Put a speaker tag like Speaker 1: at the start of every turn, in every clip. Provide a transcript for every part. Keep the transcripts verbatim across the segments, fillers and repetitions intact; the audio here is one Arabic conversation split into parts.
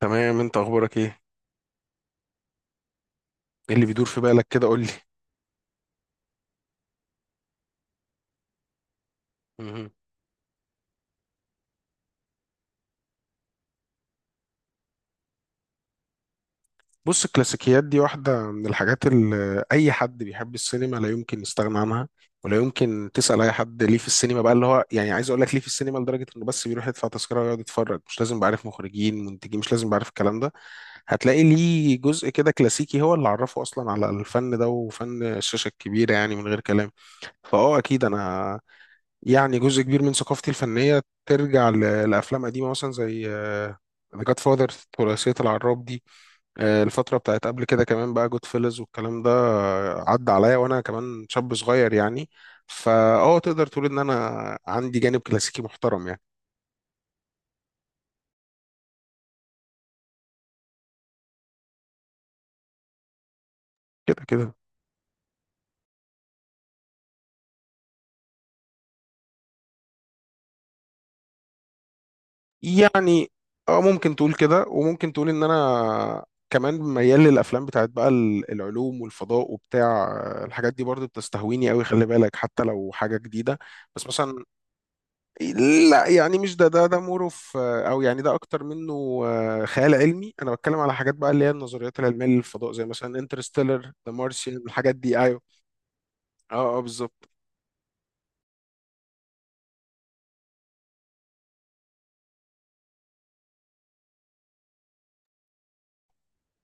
Speaker 1: تمام، انت اخبارك ايه؟ ايه اللي بيدور في بالك كده؟ قول لي. مهم. بص، الكلاسيكيات دي واحدة من الحاجات اللي أي حد بيحب السينما لا يمكن يستغنى عنها، ولا يمكن تسأل أي حد ليه في السينما بقى اللي هو يعني عايز أقول لك ليه في السينما لدرجة إنه بس بيروح يدفع تذكرة ويقعد يتفرج، مش لازم بعرف مخرجين منتجين، مش لازم بعرف الكلام ده. هتلاقي ليه جزء كده كلاسيكي هو اللي عرفه أصلا على الفن ده وفن الشاشة الكبيرة، يعني من غير كلام. فأه أكيد أنا يعني جزء كبير من ثقافتي الفنية ترجع ل- لأفلام قديمة، مثلا زي ذا جاد فاذر، ثلاثية العراب دي. آه، الفترة بتاعت قبل كده كمان بقى جود فيلز والكلام ده، آه، عدى عليا وأنا كمان شاب صغير يعني. فا اه تقدر تقول إن أنا عندي جانب كلاسيكي محترم يعني. كده كده. يعني اه ممكن تقول كده، وممكن تقول إن أنا كمان ميال للأفلام بتاعت بقى ال- العلوم والفضاء وبتاع. آه، الحاجات دي برضو بتستهويني قوي، خلي بالك، حتى لو حاجة جديدة. بس مثلا لا يعني مش ده ده ده مور اوف او يعني ده اكتر منه. آه، خيال علمي، انا بتكلم على حاجات بقى اللي هي النظريات العلميه للفضاء، زي مثلا انترستيلر، ذا مارسيان، الحاجات دي. ايوه. اه اه بالظبط.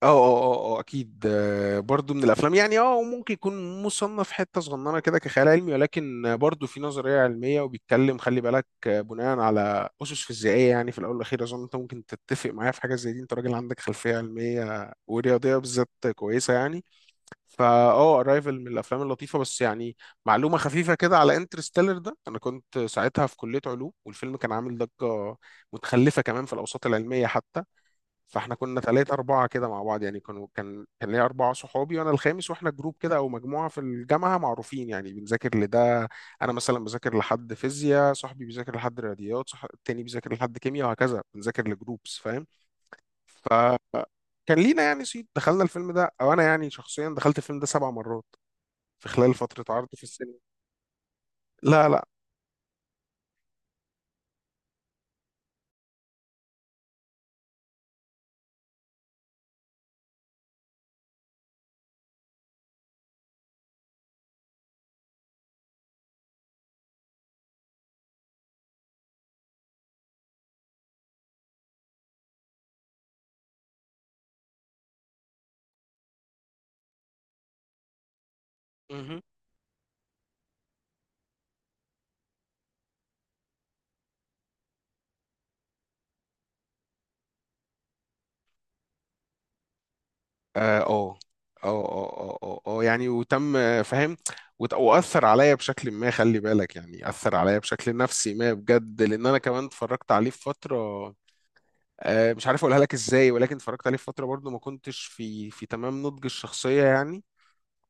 Speaker 1: اه اه اه اه اكيد. آه، برضو من الافلام يعني. اه وممكن يكون مصنف حته صغننه كده كخيال علمي، ولكن آه، برضو في نظريه علميه وبيتكلم، خلي بالك، آه، بناء على اسس فيزيائيه. يعني في الاول والاخير اظن انت ممكن تتفق معايا في حاجه زي دي، انت راجل عندك خلفيه علميه ورياضيه بالذات كويسه يعني. فا اه ارايفل من الافلام اللطيفه بس يعني. معلومه خفيفه كده على انترستيلر ده، انا كنت ساعتها في كليه علوم، والفيلم كان عامل ضجه متخلفه كمان في الاوساط العلميه حتى. فاحنا كنا ثلاثة أربعة كده مع بعض، يعني كانوا كان كان ليا أربعة صحابي وأنا الخامس، وإحنا جروب كده أو مجموعة في الجامعة معروفين يعني بنذاكر لده. أنا مثلا بذاكر لحد فيزياء، صاحبي بيذاكر لحد رياضيات، صح، التاني بيذاكر لحد كيمياء، وهكذا، بنذاكر لجروبس، فاهم؟ ف كان لينا يعني صيت. دخلنا الفيلم ده، او انا يعني شخصيا دخلت الفيلم ده سبع مرات في خلال فترة عرضه في السينما. لا لا. مهم. اه اه اه اه اه آه، آه، يعني وتم، آه، فاهم. وت- واثر عليا بشكل ما، خلي بالك، يعني اثر عليا بشكل نفسي ما بجد، لان انا كمان اتفرجت عليه في فتره، آه، مش عارف اقولها لك ازاي، ولكن اتفرجت عليه في فتره برضو ما كنتش في في تمام نضج الشخصيه يعني.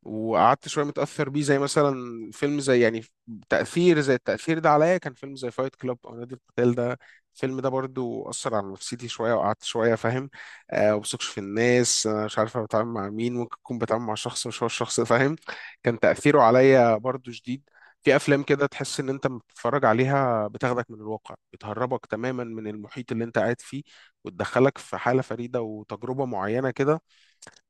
Speaker 1: وقعدت شويه متاثر بيه، زي مثلا فيلم زي يعني، تاثير زي التاثير ده عليا كان فيلم زي فايت كلاب او نادي القتال ده. الفيلم ده برضو اثر على نفسيتي شويه وقعدت شويه، فاهم؟ آه، وبثقش في الناس، انا مش عارف أنا بتعامل مع مين، ممكن اكون بتعامل مع شخص مش هو الشخص، فاهم؟ كان تاثيره عليا برضو شديد. في افلام كده تحس ان انت لما بتتفرج عليها بتاخدك من الواقع، بتهربك تماما من المحيط اللي انت قاعد فيه، وتدخلك في حاله فريده وتجربه معينه كده،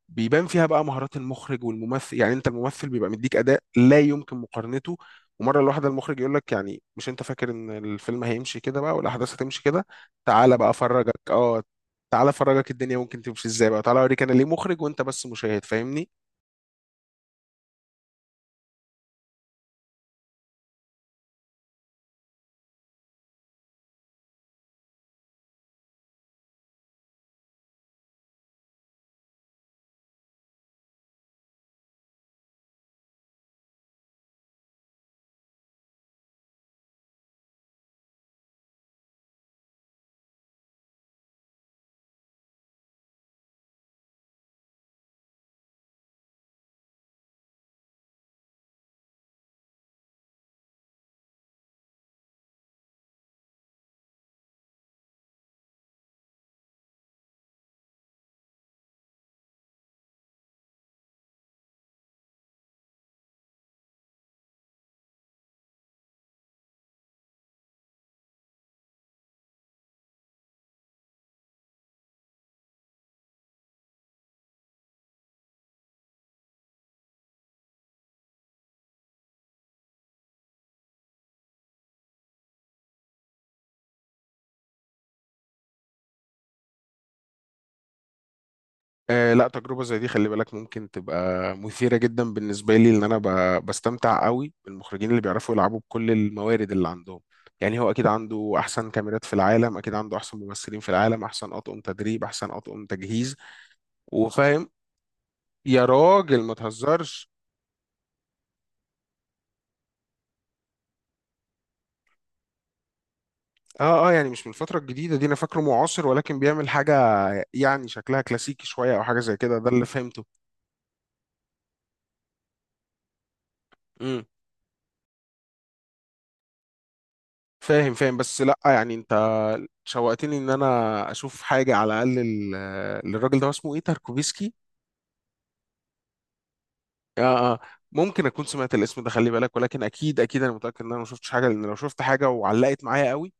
Speaker 1: بيبان فيها بقى مهارات المخرج والممثل. يعني انت الممثل بيبقى مديك اداء لا يمكن مقارنته، ومره الواحده المخرج يقول لك يعني مش انت فاكر ان الفيلم هيمشي كده بقى والاحداث هتمشي كده، تعالى بقى افرجك. اه، تعالى افرجك الدنيا ممكن تمشي ازاي بقى، تعالى اوريك انا ليه مخرج وانت بس مشاهد، فاهمني؟ آه لا، تجربة زي دي خلي بالك ممكن تبقى مثيرة جدا بالنسبة لي، لأن أنا ب- بستمتع قوي بالمخرجين اللي بيعرفوا يلعبوا بكل الموارد اللي عندهم. يعني هو أكيد عنده أحسن كاميرات في العالم، أكيد عنده أحسن ممثلين في العالم، أحسن أطقم تدريب، أحسن أطقم تجهيز، وفاهم. يا راجل ما تهزرش. اه اه، يعني مش من الفترة الجديدة دي، أنا فاكره معاصر، ولكن بيعمل حاجة يعني شكلها كلاسيكي شوية أو حاجة زي كده، ده اللي فهمته. فاهم فاهم. بس لا يعني انت شوقتني ان انا اشوف حاجه على الاقل ال- للراجل ده، هو اسمه ايه، تاركوفسكي. اه اه. ممكن اكون سمعت الاسم ده، خلي بالك، ولكن اكيد اكيد انا متاكد ان انا ما شفتش حاجه، لان لو شفت حاجه وعلقت معايا قوي.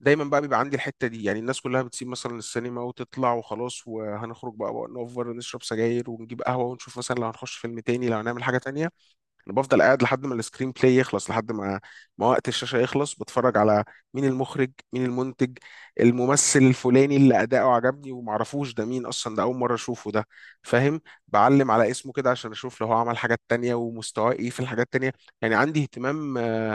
Speaker 1: دايما بقى بيبقى عندي الحته دي، يعني الناس كلها بتسيب مثلا السينما وتطلع وخلاص، وهنخرج بقى بقى نوفر نشرب سجاير ونجيب قهوه، ونشوف مثلا لو هنخش فيلم تاني، لو هنعمل حاجه تانيه. انا بفضل قاعد لحد ما السكرين بلاي يخلص، لحد ما ما وقت الشاشه يخلص، بتفرج على مين المخرج، مين المنتج، الممثل الفلاني اللي اداؤه عجبني ومعرفوش ده مين اصلا، ده اول مره اشوفه ده، فاهم؟ بعلم على اسمه كده عشان اشوف لو هو عمل حاجات تانية ومستواه ايه في الحاجات التانية. يعني عندي اهتمام آه،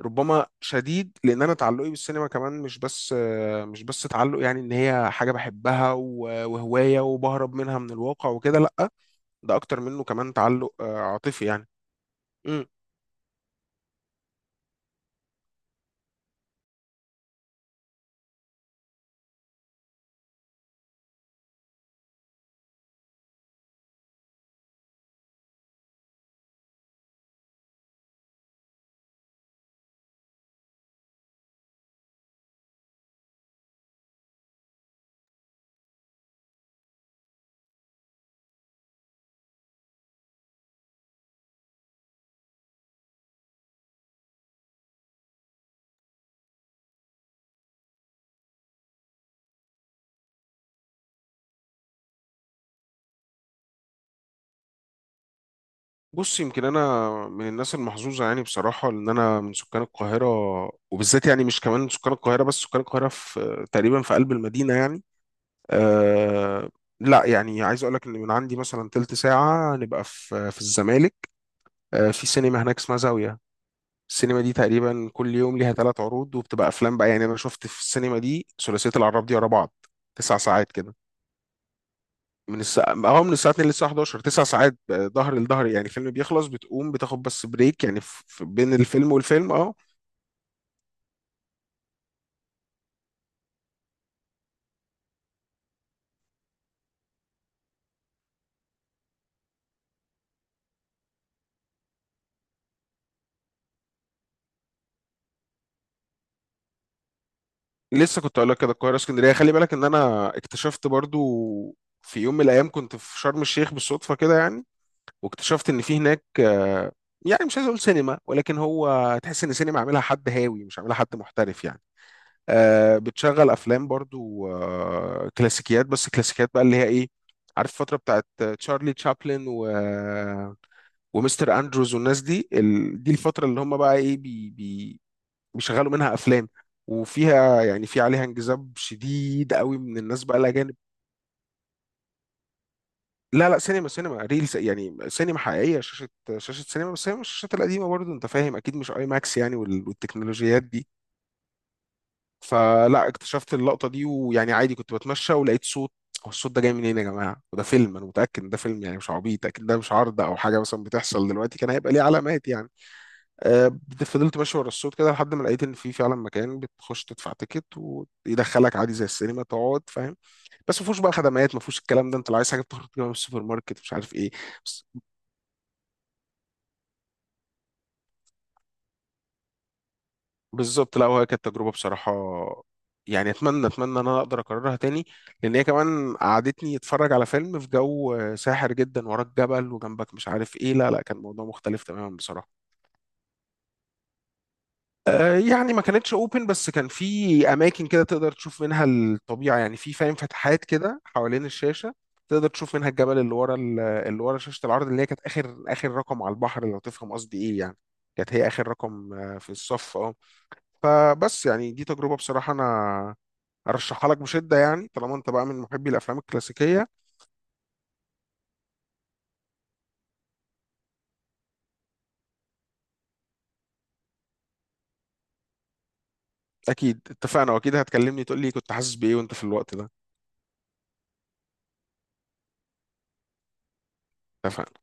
Speaker 1: ربما شديد، لان انا تعلقي بالسينما كمان مش بس آه، مش بس تعلق يعني ان هي حاجه بحبها و- وهوايه وبهرب منها من الواقع وكده، لا، ده اكتر منه كمان تعلق آه، عاطفي يعني. بص، يمكن انا من الناس المحظوظه يعني بصراحه، ان انا من سكان القاهره، وبالذات يعني مش كمان سكان القاهره بس، سكان القاهره في تقريبا في قلب المدينه يعني. أه لا يعني عايز اقول لك ان من عندي مثلا تلت ساعه نبقى في في الزمالك. أه، في سينما هناك اسمها زاويه. السينما دي تقريبا كل يوم ليها ثلاث عروض، وبتبقى افلام بقى. يعني انا شفت في السينما دي ثلاثيه العراب دي ورا بعض، تسع ساعات كده، من الساعة هو من الساعة اتنين للساعة حداشر، تسع ساعات. آه، ظهر لظهر يعني، الفيلم بيخلص بتقوم بتاخد بس بريك يعني في في بين الفيلم والفيلم. اه، لسه كنت اقول لك كده، القاهرة اسكندرية، خلي بالك ان انا اكتشفت برضو في يوم من الايام كنت في شرم الشيخ بالصدفة كده يعني، واكتشفت ان في هناك، آه، يعني مش عايز اقول سينما، ولكن هو تحس ان سينما عاملها حد هاوي مش عاملها حد محترف يعني. آه، بتشغل افلام برضو، آه، كلاسيكيات، بس كلاسيكيات بقى اللي هي ايه، عارف، الفترة بتاعت تشارلي تشابلن و ومستر اندروز والناس دي، ال... دي الفتره اللي هم بقى ايه بي... بي... بيشغلوا منها افلام، وفيها يعني في عليها انجذاب شديد قوي من الناس بقى الاجانب. لا لا، سينما، سينما ريلز يعني، سينما حقيقيه، شاشه شاشه سينما، بس هي مش الشاشات القديمه برضه، انت فاهم، اكيد مش اي ماكس يعني وال... والتكنولوجيات دي. فلا اكتشفت اللقطه دي، ويعني عادي كنت بتمشى ولقيت صوت، هو الصوت ده جاي منين يا جماعه، وده فيلم انا متاكد ان ده فيلم يعني مش عبيط، اكيد ده مش عرض او حاجه مثلا بتحصل دلوقتي، كان هيبقى ليه علامات يعني. آه، فضلت ماشي ورا الصوت كده لحد ما لقيت ان في فعلا مكان بتخش تدفع تيكت ويدخلك عادي زي السينما تقعد، فاهم؟ بس ما فيهوش بقى خدمات، ما فيهوش الكلام ده، انت لو عايز حاجه بتخرج تجيبها من السوبر ماركت مش عارف ايه. بس- بالظبط. لا، وهي كانت تجربه بصراحه، يعني اتمنى اتمنى ان انا اقدر اكررها تاني، لان هي كمان قعدتني اتفرج على فيلم في جو ساحر جدا، وراك جبل وجنبك مش عارف ايه، لا لا كان موضوع مختلف تماما بصراحه. يعني ما كانتش اوبن، بس كان في اماكن كده تقدر تشوف منها الطبيعه يعني، في فاهم فتحات كده حوالين الشاشه، تقدر تشوف منها الجبل اللي ورا ال- اللي ورا شاشه العرض، اللي هي كانت اخر اخر رقم على البحر لو تفهم قصدي ايه يعني. كانت هي اخر رقم آه، في الصف. اه. فبس يعني دي تجربه بصراحه انا ارشحها لك بشده، يعني طالما انت بقى من محبي الافلام الكلاسيكيه. اكيد اتفقنا، واكيد هتكلمني تقول لي كنت حاسس بايه وانت في الوقت ده. اتفقنا.